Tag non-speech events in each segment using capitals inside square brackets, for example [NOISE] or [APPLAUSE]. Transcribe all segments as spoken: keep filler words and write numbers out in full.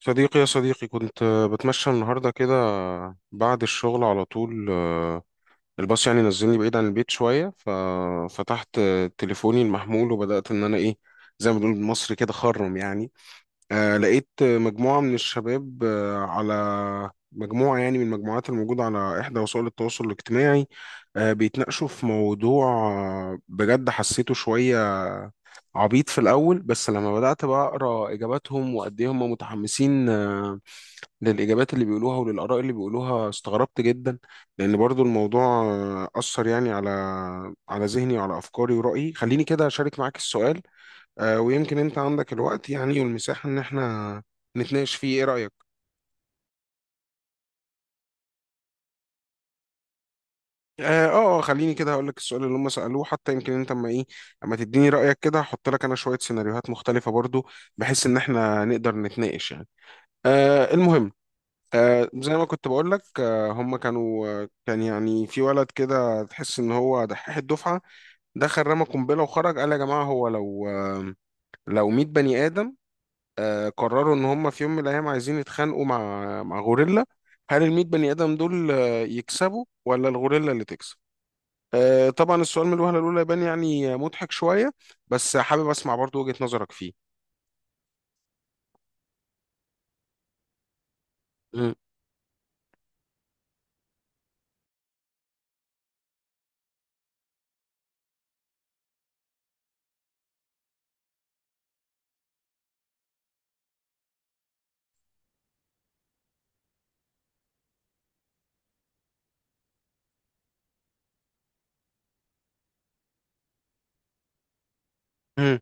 صديقي يا صديقي كنت آه، بتمشى النهاردة كده بعد الشغل على طول. آه، الباص يعني نزلني بعيد عن البيت شوية، ففتحت آه، تليفوني المحمول وبدأت إن أنا إيه، زي ما بنقول بالمصري كده، خرم يعني. آه، لقيت آه، مجموعة من الشباب آه، على مجموعة يعني من المجموعات الموجودة على إحدى وسائل التواصل الاجتماعي، آه، بيتناقشوا في موضوع آه، بجد حسيته شوية عبيط في الأول. بس لما بدأت بقى أقرأ إجاباتهم وقد إيه هم متحمسين آه، للإجابات اللي بيقولوها وللآراء اللي بيقولوها، استغربت جدا. لأن برضو الموضوع آه، أثر يعني على على ذهني وعلى أفكاري ورأيي. خليني كده أشارك معاك السؤال، آه، ويمكن أنت عندك الوقت يعني والمساحة إن إحنا نتناقش فيه. إيه رأيك؟ آه آه آه، خليني كده هقول لك السؤال اللي هم سألوه، حتى يمكن أنت أما إيه، أما تديني رأيك كده، هحط لك أنا شوية سيناريوهات مختلفة برضو، بحيث إن إحنا نقدر نتناقش يعني. آه المهم، آه زي ما كنت بقول لك، آه هم كانوا، آه كان يعني في ولد كده تحس ان هو دحيح الدفعه، دخل رمى قنبله وخرج، قال يا جماعه هو لو آه لو مية بني ادم آه قرروا ان هم في يوم من الايام عايزين يتخانقوا مع مع غوريلا، هل ال المية بني ادم دول آه يكسبوا ولا الغوريلا اللي تكسب؟ آه طبعا السؤال من الوهله الاولى يبان يعني آه، مضحك شويه، بس حابب اسمع برضو وجهه نظرك فيه. مم. مم.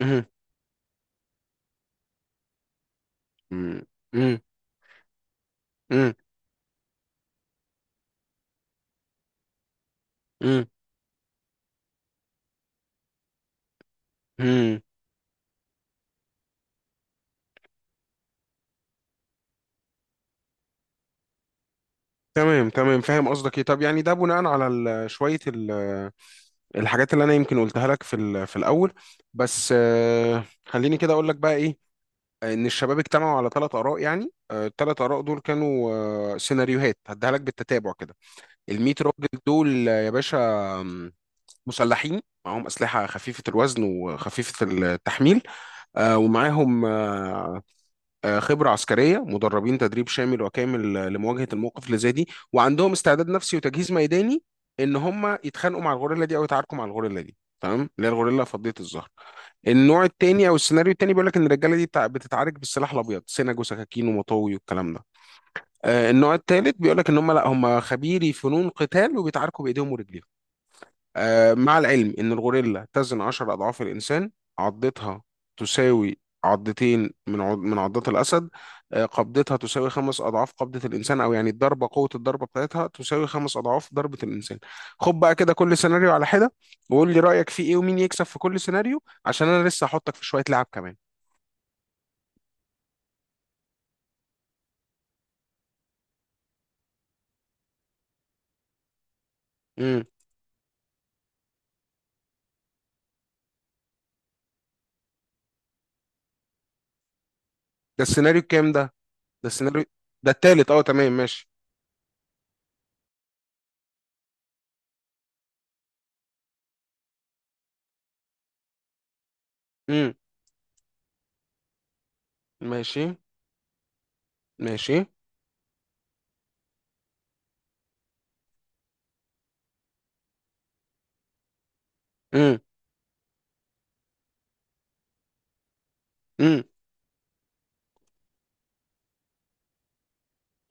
مم. مم. مم. مم. مم. تمام تمام، فاهم قصدك ايه. طب يعني ده بناء على ال- شويه ال- الحاجات اللي انا يمكن قلتها لك في ال- في الاول. بس آه، خليني كده اقول لك بقى ايه. آه، ان الشباب اجتمعوا على ثلاث اراء، يعني الثلاث اراء دول كانوا آه، سيناريوهات هديها لك بالتتابع كده. ال المية راجل دول آه، يا باشا، آم، مسلحين معاهم اسلحه خفيفه الوزن وخفيفه التحميل، آه، ومعاهم آه، آه، خبرة عسكرية، مدربين تدريب شامل وكامل آه، لمواجهة الموقف اللي زي دي، وعندهم استعداد نفسي وتجهيز ميداني ان هم يتخانقوا مع الغوريلا دي او يتعاركوا مع الغوريلا دي، تمام، اللي هي الغوريلا فضية الظهر. النوع التاني او السيناريو التاني بيقول لك ان الرجاله دي بتاع- بتتعارك بالسلاح الابيض، سنج وسكاكين ومطاوي والكلام ده. آه، النوع التالت بيقول لك ان هم لا، هم خبيري فنون قتال وبيتعاركوا بايديهم ورجليهم. آه، مع العلم إن الغوريلا تزن عشر أضعاف الإنسان، عضتها تساوي عضتين من عض... من عضات الأسد، آه، قبضتها تساوي خمس أضعاف قبضة الإنسان، أو يعني الضربة، قوة الضربة بتاعتها تساوي خمس أضعاف ضربة الإنسان. خد بقى كده كل سيناريو على حدة وقول لي رأيك فيه إيه ومين يكسب في كل سيناريو، عشان أنا لسه هحطك في شوية لعب كمان. امم. ده السيناريو الكام ده؟ ده السيناريو. ده التالت. أه تمام ماشي. امم. ماشي. ماشي. امم.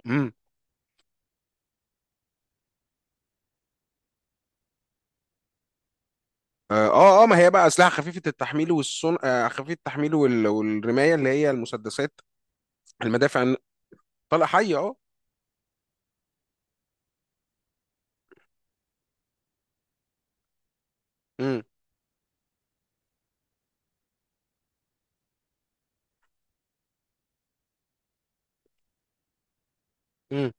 امم. اه اه آه، ما هي بقى اسلحه خفيفه التحميل، والصن آه خفيفه التحميل وال... والرمايه، اللي هي المسدسات، المدافع الن- طلقه حيه، اه. امم. امم.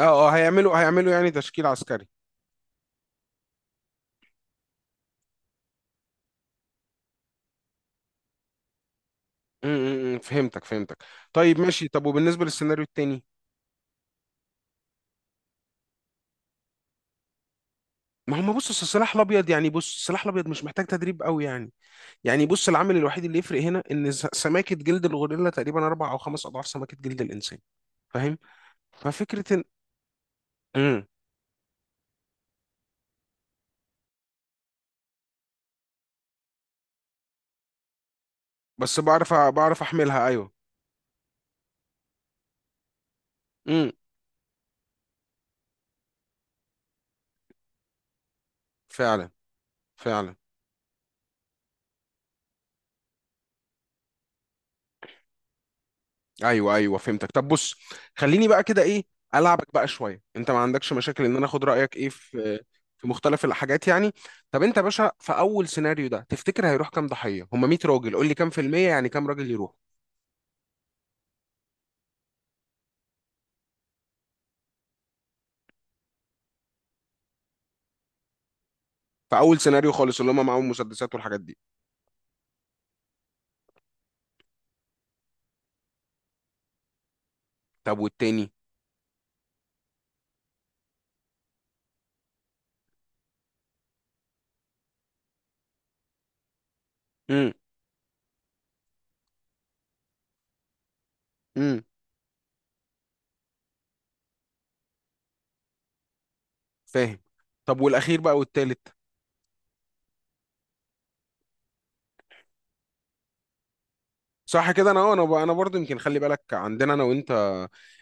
اه اه، هيعملوا هيعملوا يعني تشكيل عسكري. امم. أمم، فهمتك فهمتك طيب ماشي. طب وبالنسبه للسيناريو التاني؟ ما هم، بص، أصل السلاح الابيض يعني، بص، السلاح الابيض مش محتاج تدريب قوي يعني. يعني بص، العامل الوحيد اللي يفرق هنا ان س- سماكه جلد الغوريلا تقريبا اربع او خمس اضعاف سماكه جلد الانسان، فاهم؟ ففكره ان امم بس بعرف أ- بعرف احملها، ايوه. امم. فعلا. فعلا. ايوه ايوه فهمتك. طب بص، خليني بقى كده ايه، العبك بقى شويه. انت ما عندكش مشاكل ان انا اخد رايك ايه في في مختلف الحاجات يعني؟ طب انت يا باشا في اول سيناريو ده، تفتكر هيروح كام ضحيه؟ هم مية راجل، قول لي كام في الميه يعني، كام راجل يروح؟ في اول سيناريو خالص اللي هم معاهم مسدسات والحاجات دي. طب والتاني؟ امم. امم. فاهم. طب والاخير بقى، والتالت؟ صح كده. انا اه انا ب- انا برضو يمكن، خلي بالك عندنا انا وانت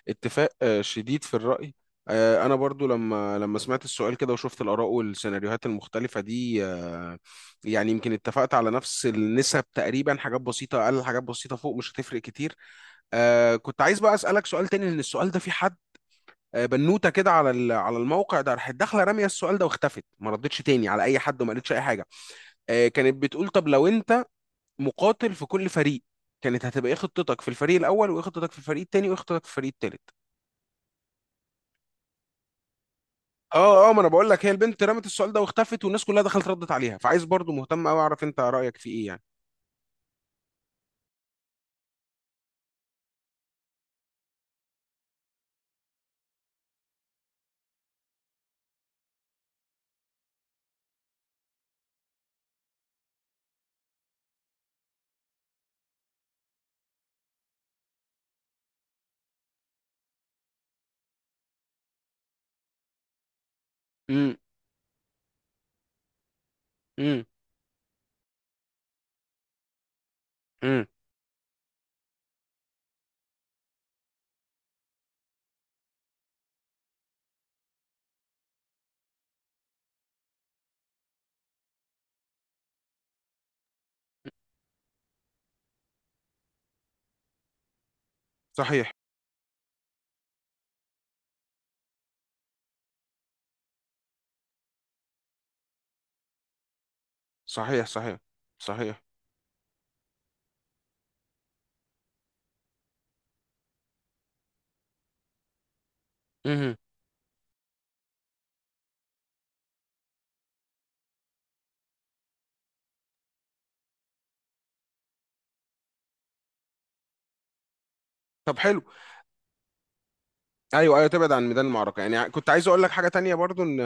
اتفاق آه، شديد في الرأي. آه، انا برضو لما لما سمعت السؤال كده وشفت الاراء والسيناريوهات المختلفة دي، آه، يعني يمكن اتفقت على نفس النسب تقريبا، حاجات بسيطة اقل، حاجات بسيطة فوق، مش هتفرق كتير. آه، كنت عايز بقى اسالك سؤال تاني، لان السؤال ده في حد، آه، بنوتة كده، على ال- على الموقع ده، راحت داخلة رامية السؤال ده واختفت، ما ردتش تاني على اي حد وما قالتش اي حاجة. آه، كانت بتقول طب لو انت مقاتل في كل فريق، كانت هتبقى ايه خطتك في الفريق الاول، وايه خطتك في الفريق التاني، وايه خطتك في الفريق التالت؟ اه اه، ما انا بقول لك، هي البنت رمت السؤال ده واختفت، والناس كلها دخلت ردت عليها، فعايز برضو، مهتم قوي اعرف انت رايك في ايه يعني. امم. امم. امم. صحيح. صحيح. صحيح. صحيح. امم. طب حلو. ايوه ايوه تبعد عن ميدان المعركه يعني. كنت عايز اقول لك حاجه تانية برضو ان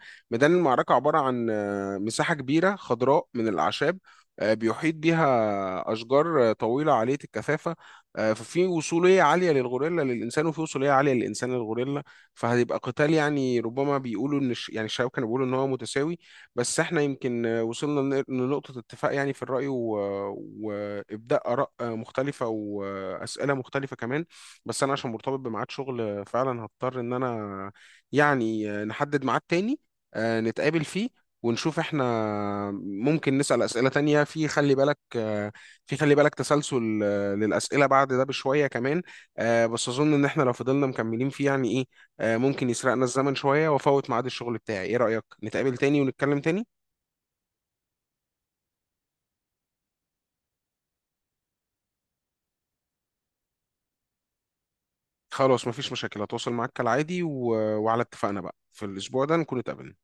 [LAUGHS] ميدان المعركه عباره عن آه، مساحه كبيره خضراء من الاعشاب، آه، بيحيط بيها اشجار آه، طويله عاليه الكثافه. آه، ففي وصوليه عاليه للغوريلا للانسان، وفي وصوليه عاليه للانسان للغوريلا، فهيبقى قتال يعني. ربما بيقولوا ان الش- يعني الشباب كانوا بيقولوا ان هو متساوي، بس احنا يمكن آه، وصلنا لن- لنقطه اتفاق يعني في الراي و- وابداء اراء آه، مختلفه واسئله مختلفه كمان. بس انا عشان مرتبط بميعاد شغل فعلا، هضطر ان انا يعني نحدد ميعاد تاني آه، نتقابل فيه، ونشوف احنا ممكن نسأل أسئلة تانية. في خلي بالك آه، في خلي بالك تسلسل آه، للأسئلة بعد ده بشوية كمان، آه، بس أظن إن احنا لو فضلنا مكملين فيه يعني إيه، آه، ممكن يسرقنا الزمن شوية وأفوت ميعاد الشغل بتاعي. إيه رأيك نتقابل تاني ونتكلم تاني؟ خلاص مفيش مشاكل، هتواصل معاك كالعادي، و... وعلى اتفاقنا بقى في الأسبوع ده نكون اتقابلنا.